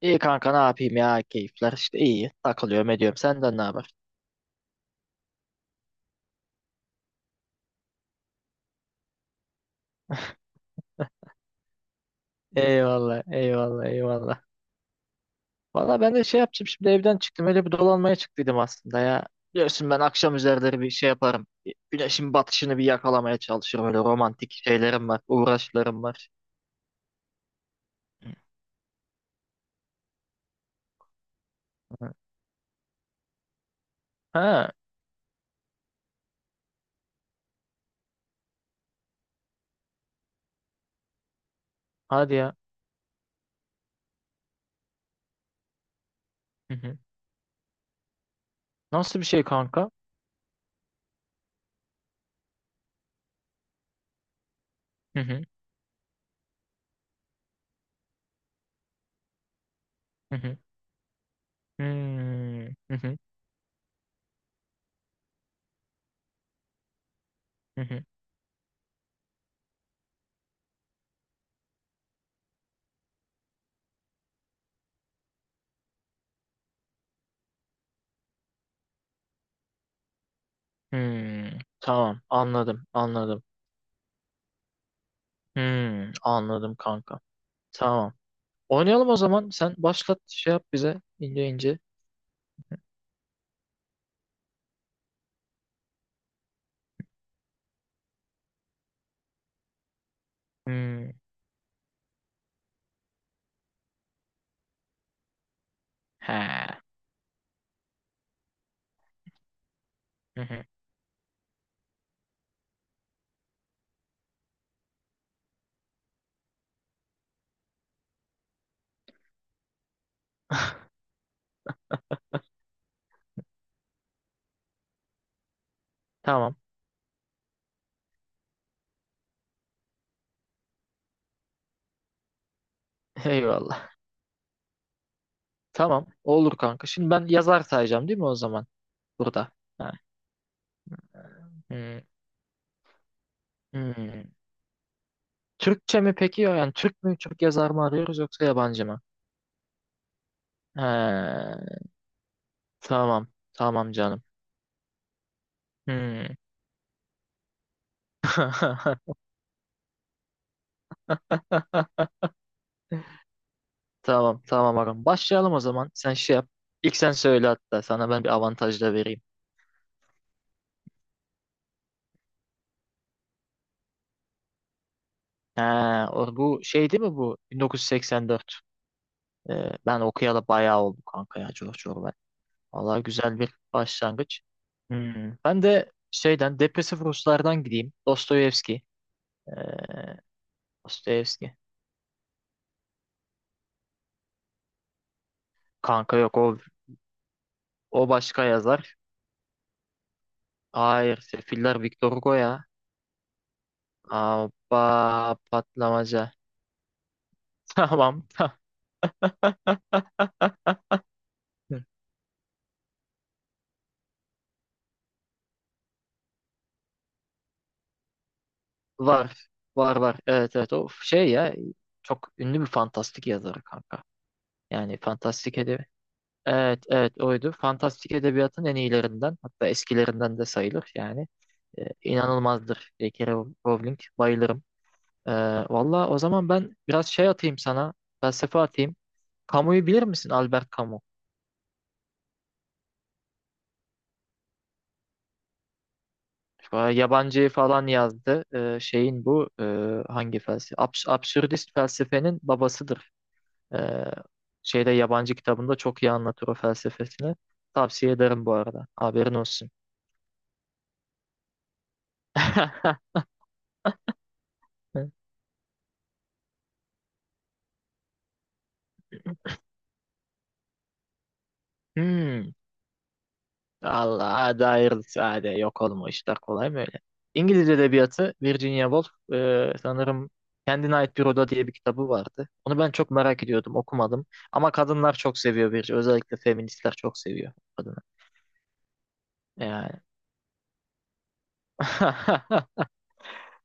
İyi kanka, ne yapayım ya, keyifler işte, iyi takılıyorum ediyorum, senden ne haber? Eyvallah, eyvallah, eyvallah. Valla ben de şey yapacağım, şimdi evden çıktım, öyle bir dolanmaya çıktıydım aslında ya. Biliyorsun ben akşam üzerleri bir şey yaparım. Bir güneşin batışını bir yakalamaya çalışırım, öyle romantik şeylerim var, uğraşlarım var. Hı. Ha. Hadi ya. Hı hı. Nasıl bir şey kanka? Hı hı. Hı hı. Hmm, hı hı, hı hı, hmm. Tamam, anladım anladım. Hmm, anladım kanka. Tamam. Oynayalım o zaman. Sen başlat, şey yap bize ince ince. Hmm. He. Hı hı. Tamam. Eyvallah. Tamam. Olur kanka. Şimdi ben yazar sayacağım değil mi o zaman? Burada. Ha. Hmm. Hmm. Türkçe mi peki? Yani Türk mü, Türk yazar mı arıyoruz, yoksa yabancı mı? He. Tamam. Tamam canım. Hmm. Tamam. Tamam ağam. Başlayalım o zaman. Sen şey yap. İlk sen söyle hatta. Sana ben bir avantaj da vereyim. Ha, o, bu şey değil mi bu? 1984. Ben okuyalı bayağı oldu kanka ya, George Orwell. Vallahi güzel bir başlangıç. Hmm. Ben de şeyden, depresif Ruslardan gideyim. Dostoyevski. Ee, Dostoyevski. Kanka yok o, o başka yazar. Hayır, Sefiller Victor Hugo ya. Aba patlamaca. Tamam. Var. Var var. Evet evet, o şey ya. Çok ünlü bir fantastik yazarı kanka. Yani fantastik edebiyat. Evet, evet oydu. Fantastik edebiyatın en iyilerinden, hatta eskilerinden de sayılır. Yani inanılmazdır J.K. Rowling. Bayılırım. E, valla o zaman ben biraz şey atayım sana, felsefe atayım. Camus'u bilir misin? Albert Camus. Şu an Yabancıyı falan yazdı. Şeyin bu hangi felsefe? Absürdist felsefenin babasıdır. E, şeyde yabancı kitabında çok iyi anlatır o felsefesini. Tavsiye ederim bu arada. Haberin olsun. Hmm, Allah'a dair sade yok olma, işler kolay mı öyle? İngiliz edebiyatı Virginia Woolf, sanırım Kendine Ait Bir Oda diye bir kitabı vardı. Onu ben çok merak ediyordum, okumadım. Ama kadınlar çok seviyor Virginia. Özellikle feministler çok seviyor kadını. Yani,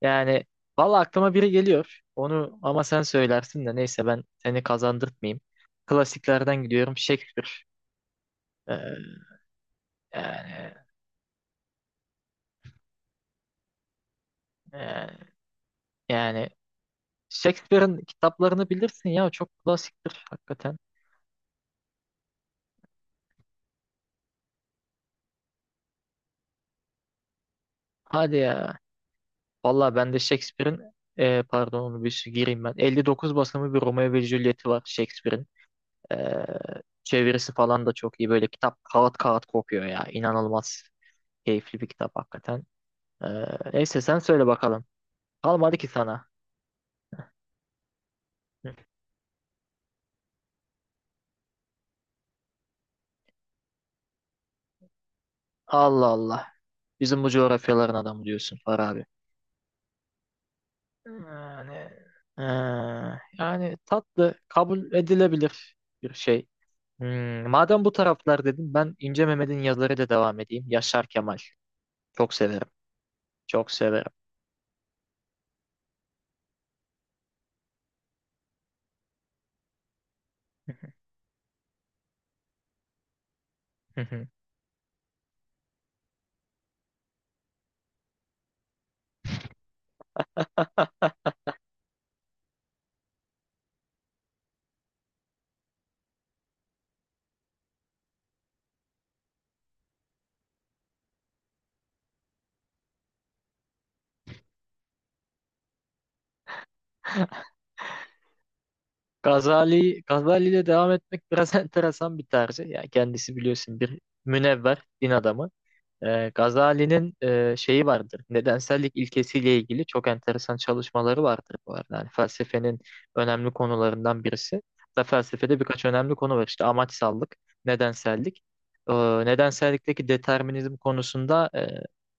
yani valla aklıma biri geliyor. Onu ama sen söylersin de, neyse, ben seni kazandırtmayayım. Klasiklerden gidiyorum, Shakespeare. E, yani, yani, yani, Shakespeare'in kitaplarını bilirsin ya, çok klasiktir hakikaten. Hadi ya. Valla ben de Shakespeare'in, pardon, onu bir gireyim ben. 59 basımı bir Romeo ve Juliet'i var Shakespeare'in. E, çevirisi falan da çok iyi. Böyle kitap kağıt kağıt kopuyor ya. İnanılmaz keyifli bir kitap hakikaten. E, neyse sen söyle bakalım. Kalmadı ki sana. Allah Allah. Bizim bu coğrafyaların adamı diyorsun, Farabi. Yani, e, yani, tatlı kabul edilebilir bir şey. Madem bu taraflar dedim, ben İnce Mehmet'in yazılarıyla devam edeyim. Yaşar Kemal. Çok severim. Çok severim. Gazali, Gazali ile devam etmek biraz enteresan bir tarzı. Yani kendisi biliyorsun, bir münevver din adamı. Gazali'nin şeyi vardır. Nedensellik ilkesiyle ilgili çok enteresan çalışmaları vardır bu arada. Yani felsefenin önemli konularından birisi. Da felsefede birkaç önemli konu var. İşte amaçsallık, nedensellik. E, nedensellikteki determinizm konusunda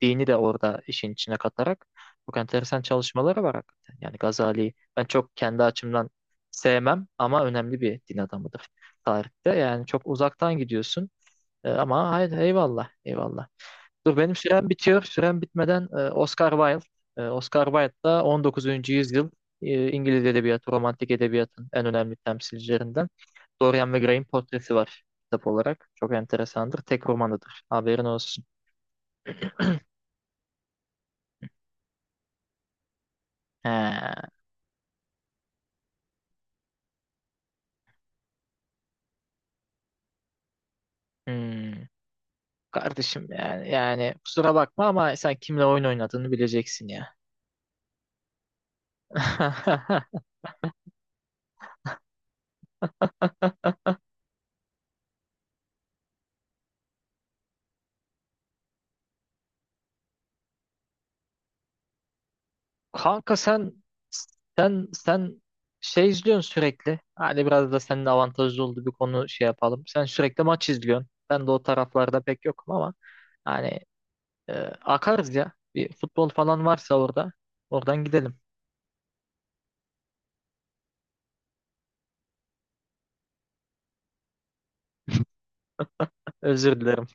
dini de orada işin içine katarak çok enteresan çalışmaları var hakikaten. Yani Gazali'yi ben çok kendi açımdan sevmem, ama önemli bir din adamıdır tarihte. Yani çok uzaktan gidiyorsun. Ama hayır, eyvallah, eyvallah. Dur, benim sürem bitiyor. Sürem bitmeden, Oscar Wilde. Oscar Wilde da 19. yüzyıl, İngiliz edebiyatı, romantik edebiyatın en önemli temsilcilerinden. Dorian ve Gray'in portresi var kitap olarak. Çok enteresandır. Tek romanıdır. Haberin olsun. He, hmm. Kardeşim yani, kusura bakma, ama sen kimle oyun oynadığını bileceksin ya. Kanka, sen şey izliyorsun sürekli. Hani biraz da senin avantajlı olduğu bir konu şey yapalım. Sen sürekli maç izliyorsun. Ben de o taraflarda pek yokum ama, hani, e, akarız ya. Bir futbol falan varsa orada, oradan gidelim. Özür dilerim.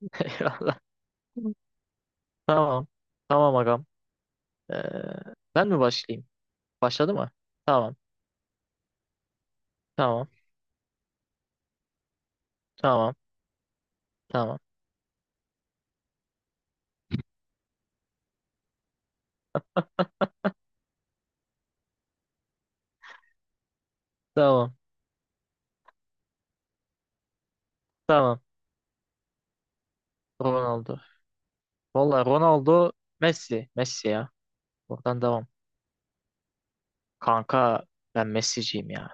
Eyvallah. Tamam. Tamam agam. E, ben mi başlayayım? Başladı mı? Tamam. Tamam. Tamam. Tamam. Tamam. Tamam. Ronaldo. Vallahi Ronaldo, Messi. Messi ya. Oradan devam. Kanka, ben Messi'ciyim ya.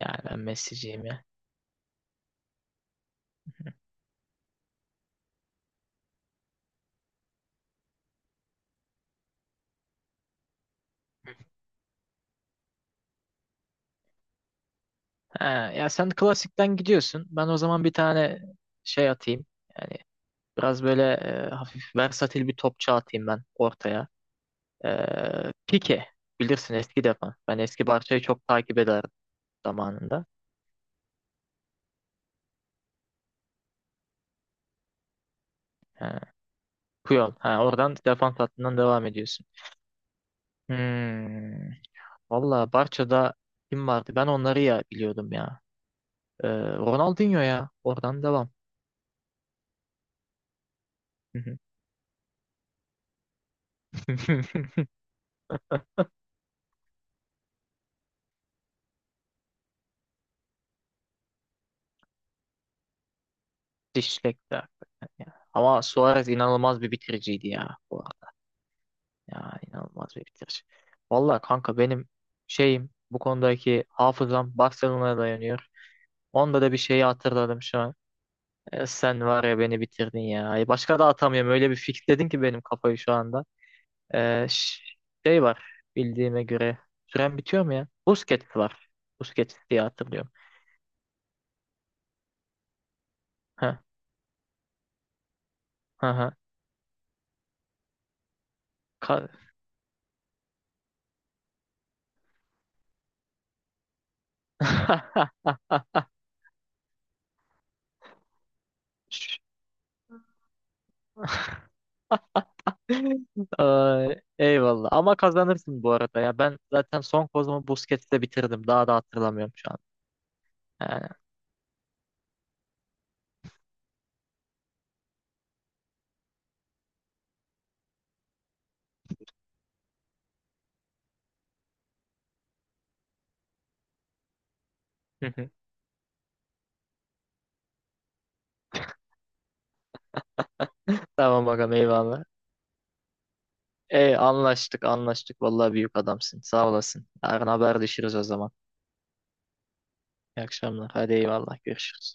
Yani ben Messi'ciyim ya. Ha, ya sen klasikten gidiyorsun. Ben o zaman bir tane şey atayım. Yani biraz böyle hafif versatil bir topçu atayım ben ortaya. E, Pique. Bilirsin, eski defans. Ben eski Barça'yı çok takip ederdim zamanında. Ha, Puyol. Ha, oradan, defans hattından devam ediyorsun. Hmm. Valla Barça'da kim vardı? Ben onları ya biliyordum ya. E, Ronaldinho ya. Oradan devam. Dişlek'ti hakikaten ya. Ama Suarez inanılmaz bir bitiriciydi ya, bu arada. Ya inanılmaz bir bitirici. Vallahi kanka, benim şeyim, bu konudaki hafızam Barcelona'ya dayanıyor. Onda da bir şeyi hatırladım şu an. Sen var ya, beni bitirdin ya. Ay, başka da atamıyorum. Öyle bir fixledin ki benim kafayı şu anda. E, ş- şey var bildiğime göre. Süren bitiyor mu ya? Busquets var. Busquets diye hatırlıyorum. Ha ha ha. Ka- Ay, eyvallah. Ama kazanırsın bu arada ya. Ben zaten son kozumu Busquets'te bitirdim. Daha da hatırlamıyorum şu an. Yani. Tamam bakalım, eyvallah. Ey, anlaştık anlaştık. Vallahi büyük adamsın. Sağ olasın. Yarın haberleşiriz o zaman. İyi akşamlar. Hadi eyvallah. Görüşürüz.